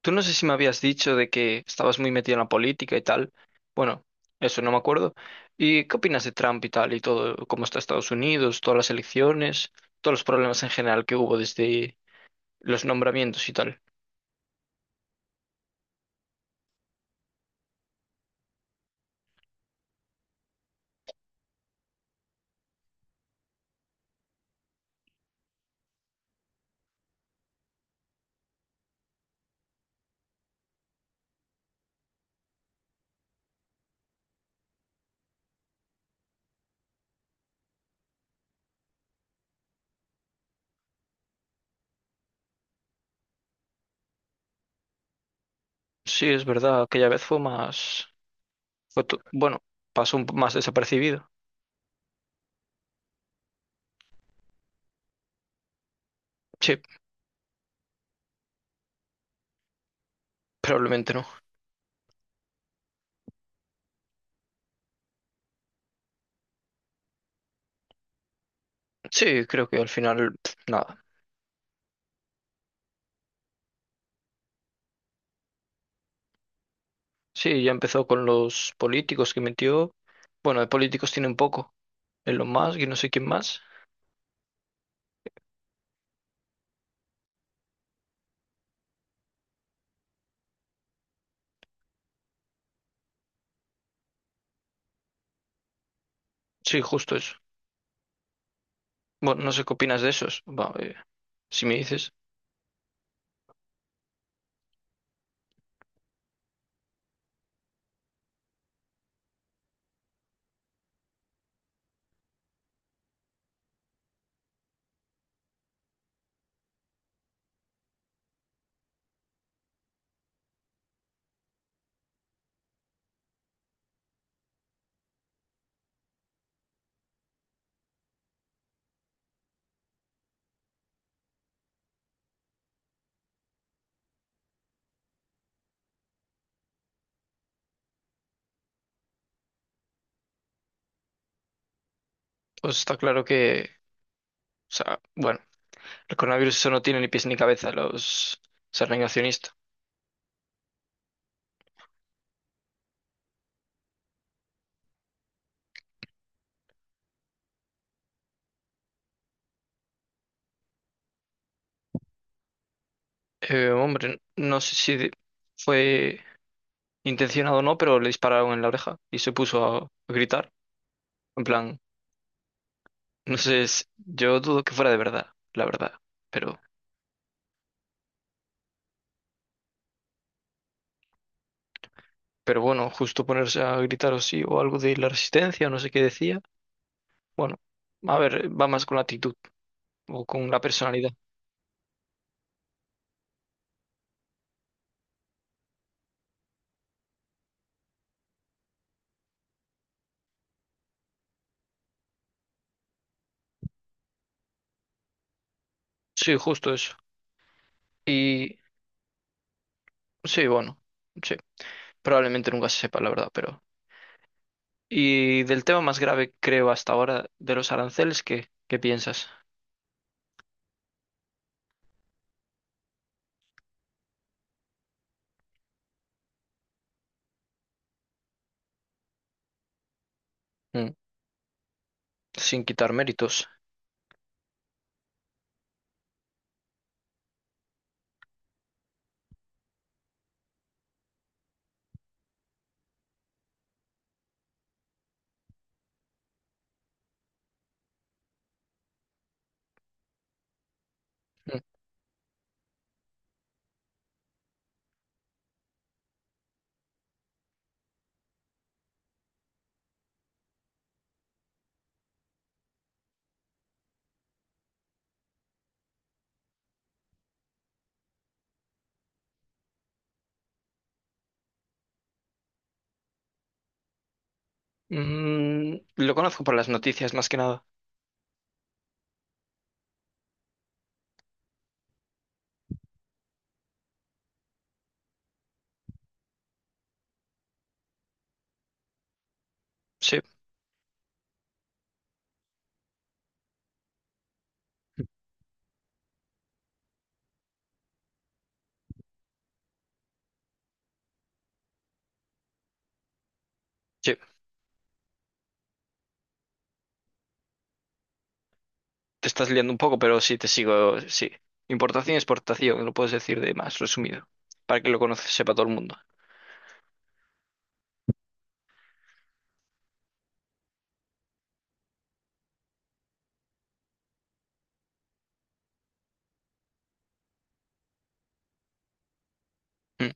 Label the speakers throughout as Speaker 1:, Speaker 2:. Speaker 1: Tú no sé si me habías dicho de que estabas muy metido en la política y tal. Bueno, eso no me acuerdo. ¿Y qué opinas de Trump y tal y todo? ¿Cómo está Estados Unidos, todas las elecciones, todos los problemas en general que hubo desde los nombramientos y tal? Sí, es verdad, aquella vez fue más... bueno, más desapercibido. Sí, probablemente no. Sí, creo que al final pf, nada. Sí, ya empezó con los políticos que metió. Bueno, de políticos tiene un poco. Elon Musk y no sé quién más. Sí, justo eso. Bueno, no sé qué opinas de esos. Va, si me dices, pues está claro que, o sea, bueno, el coronavirus eso no tiene ni pies ni cabeza, los, ser negacionista. Hombre, no sé si de- fue intencionado o no, pero le dispararon en la oreja y se puso a gritar. En plan, no sé, yo dudo que fuera de verdad, la verdad. Pero, pero bueno, justo ponerse a gritar o sí, o algo de la resistencia, no sé qué decía. Bueno, a ver, va más con la actitud o con la personalidad. Sí, justo eso. Y sí, bueno, sí. Probablemente nunca se sepa, la verdad, pero... Y del tema más grave, creo, hasta ahora, de los aranceles, ¿qué piensas? Mm, sin quitar méritos. Mm. Mm, lo conozco por las noticias, más que nada. Sí, sí. Te estás liando un poco, pero sí, te sigo, sí. Importación y exportación, lo puedes decir de más resumido, para que sepa todo el mundo. Mm.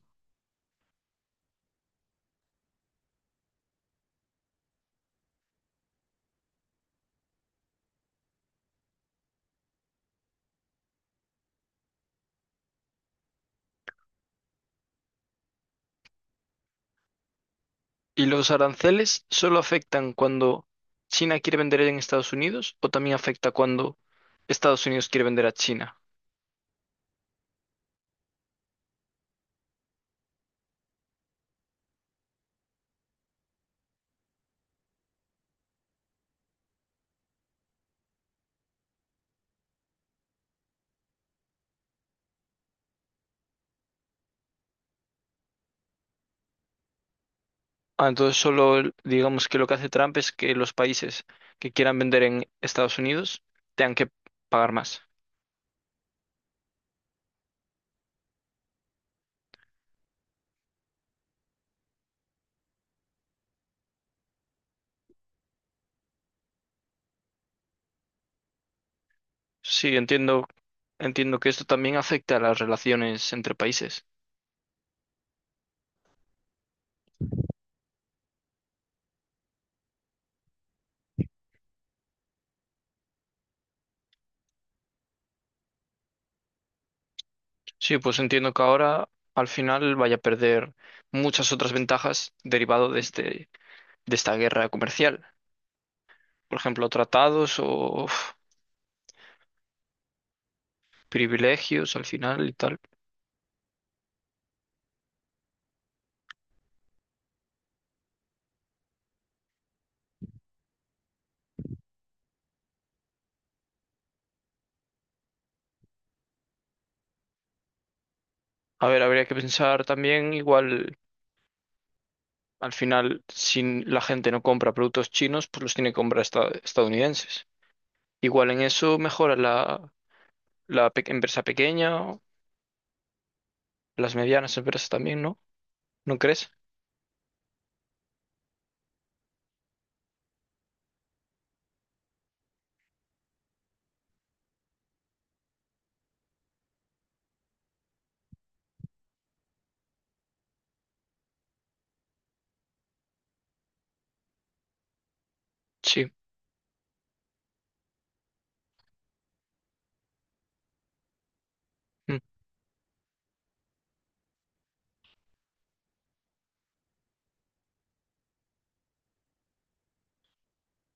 Speaker 1: ¿Y los aranceles solo afectan cuando China quiere vender en Estados Unidos o también afecta cuando Estados Unidos quiere vender a China? Ah, entonces digamos que lo que hace Trump es que los países que quieran vender en Estados Unidos tengan que pagar más. Sí, entiendo, entiendo que esto también afecta a las relaciones entre países. Sí, pues entiendo que ahora al final vaya a perder muchas otras ventajas derivado de de esta guerra comercial. Por ejemplo, tratados o uf, privilegios al final y tal. A ver, habría que pensar también igual. Al final, si la gente no compra productos chinos, pues los tiene que comprar estadounidenses. Igual en eso mejora la empresa pequeña, o las medianas empresas también, ¿no? ¿No crees? Sí, mm,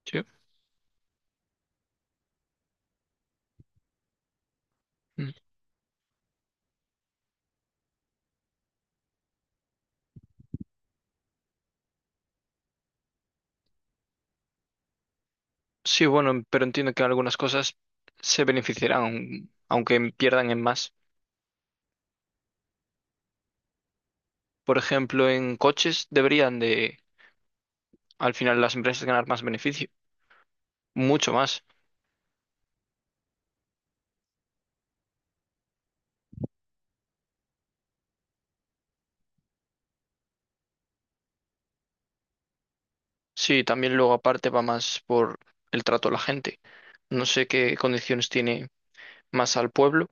Speaker 1: sí. Mm. Sí, bueno, pero entiendo que algunas cosas se beneficiarán, aunque pierdan en más. Por ejemplo, en coches deberían de, al final, las empresas ganar más beneficio, mucho más. Sí, también luego aparte va más por el trato a la gente. No sé qué condiciones tiene más al pueblo.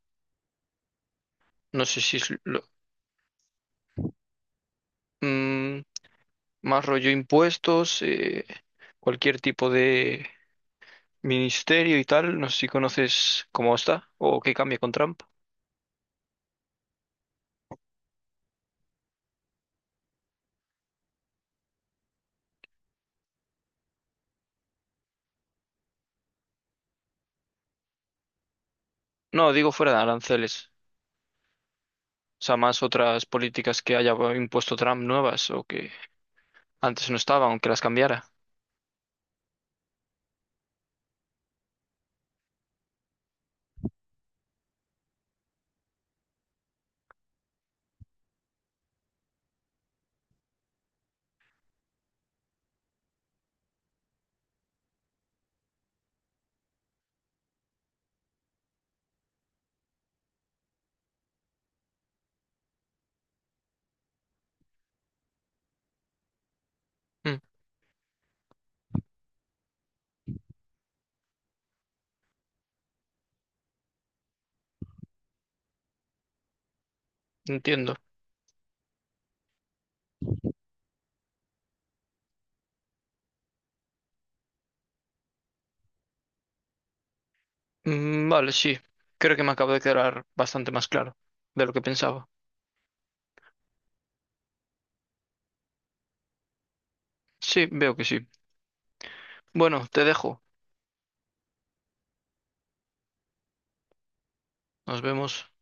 Speaker 1: No sé si es lo- mm, más rollo impuestos, cualquier tipo de ministerio y tal. No sé si conoces cómo está o qué cambia con Trump. No, digo fuera de aranceles. O sea, más otras políticas que haya impuesto Trump nuevas o que antes no estaban, aunque las cambiara. Mm, entiendo. Mm, vale, sí. Creo que me acabo de quedar bastante más claro de lo que pensaba. Sí, veo que sí. Bueno, te dejo. Nos vemos.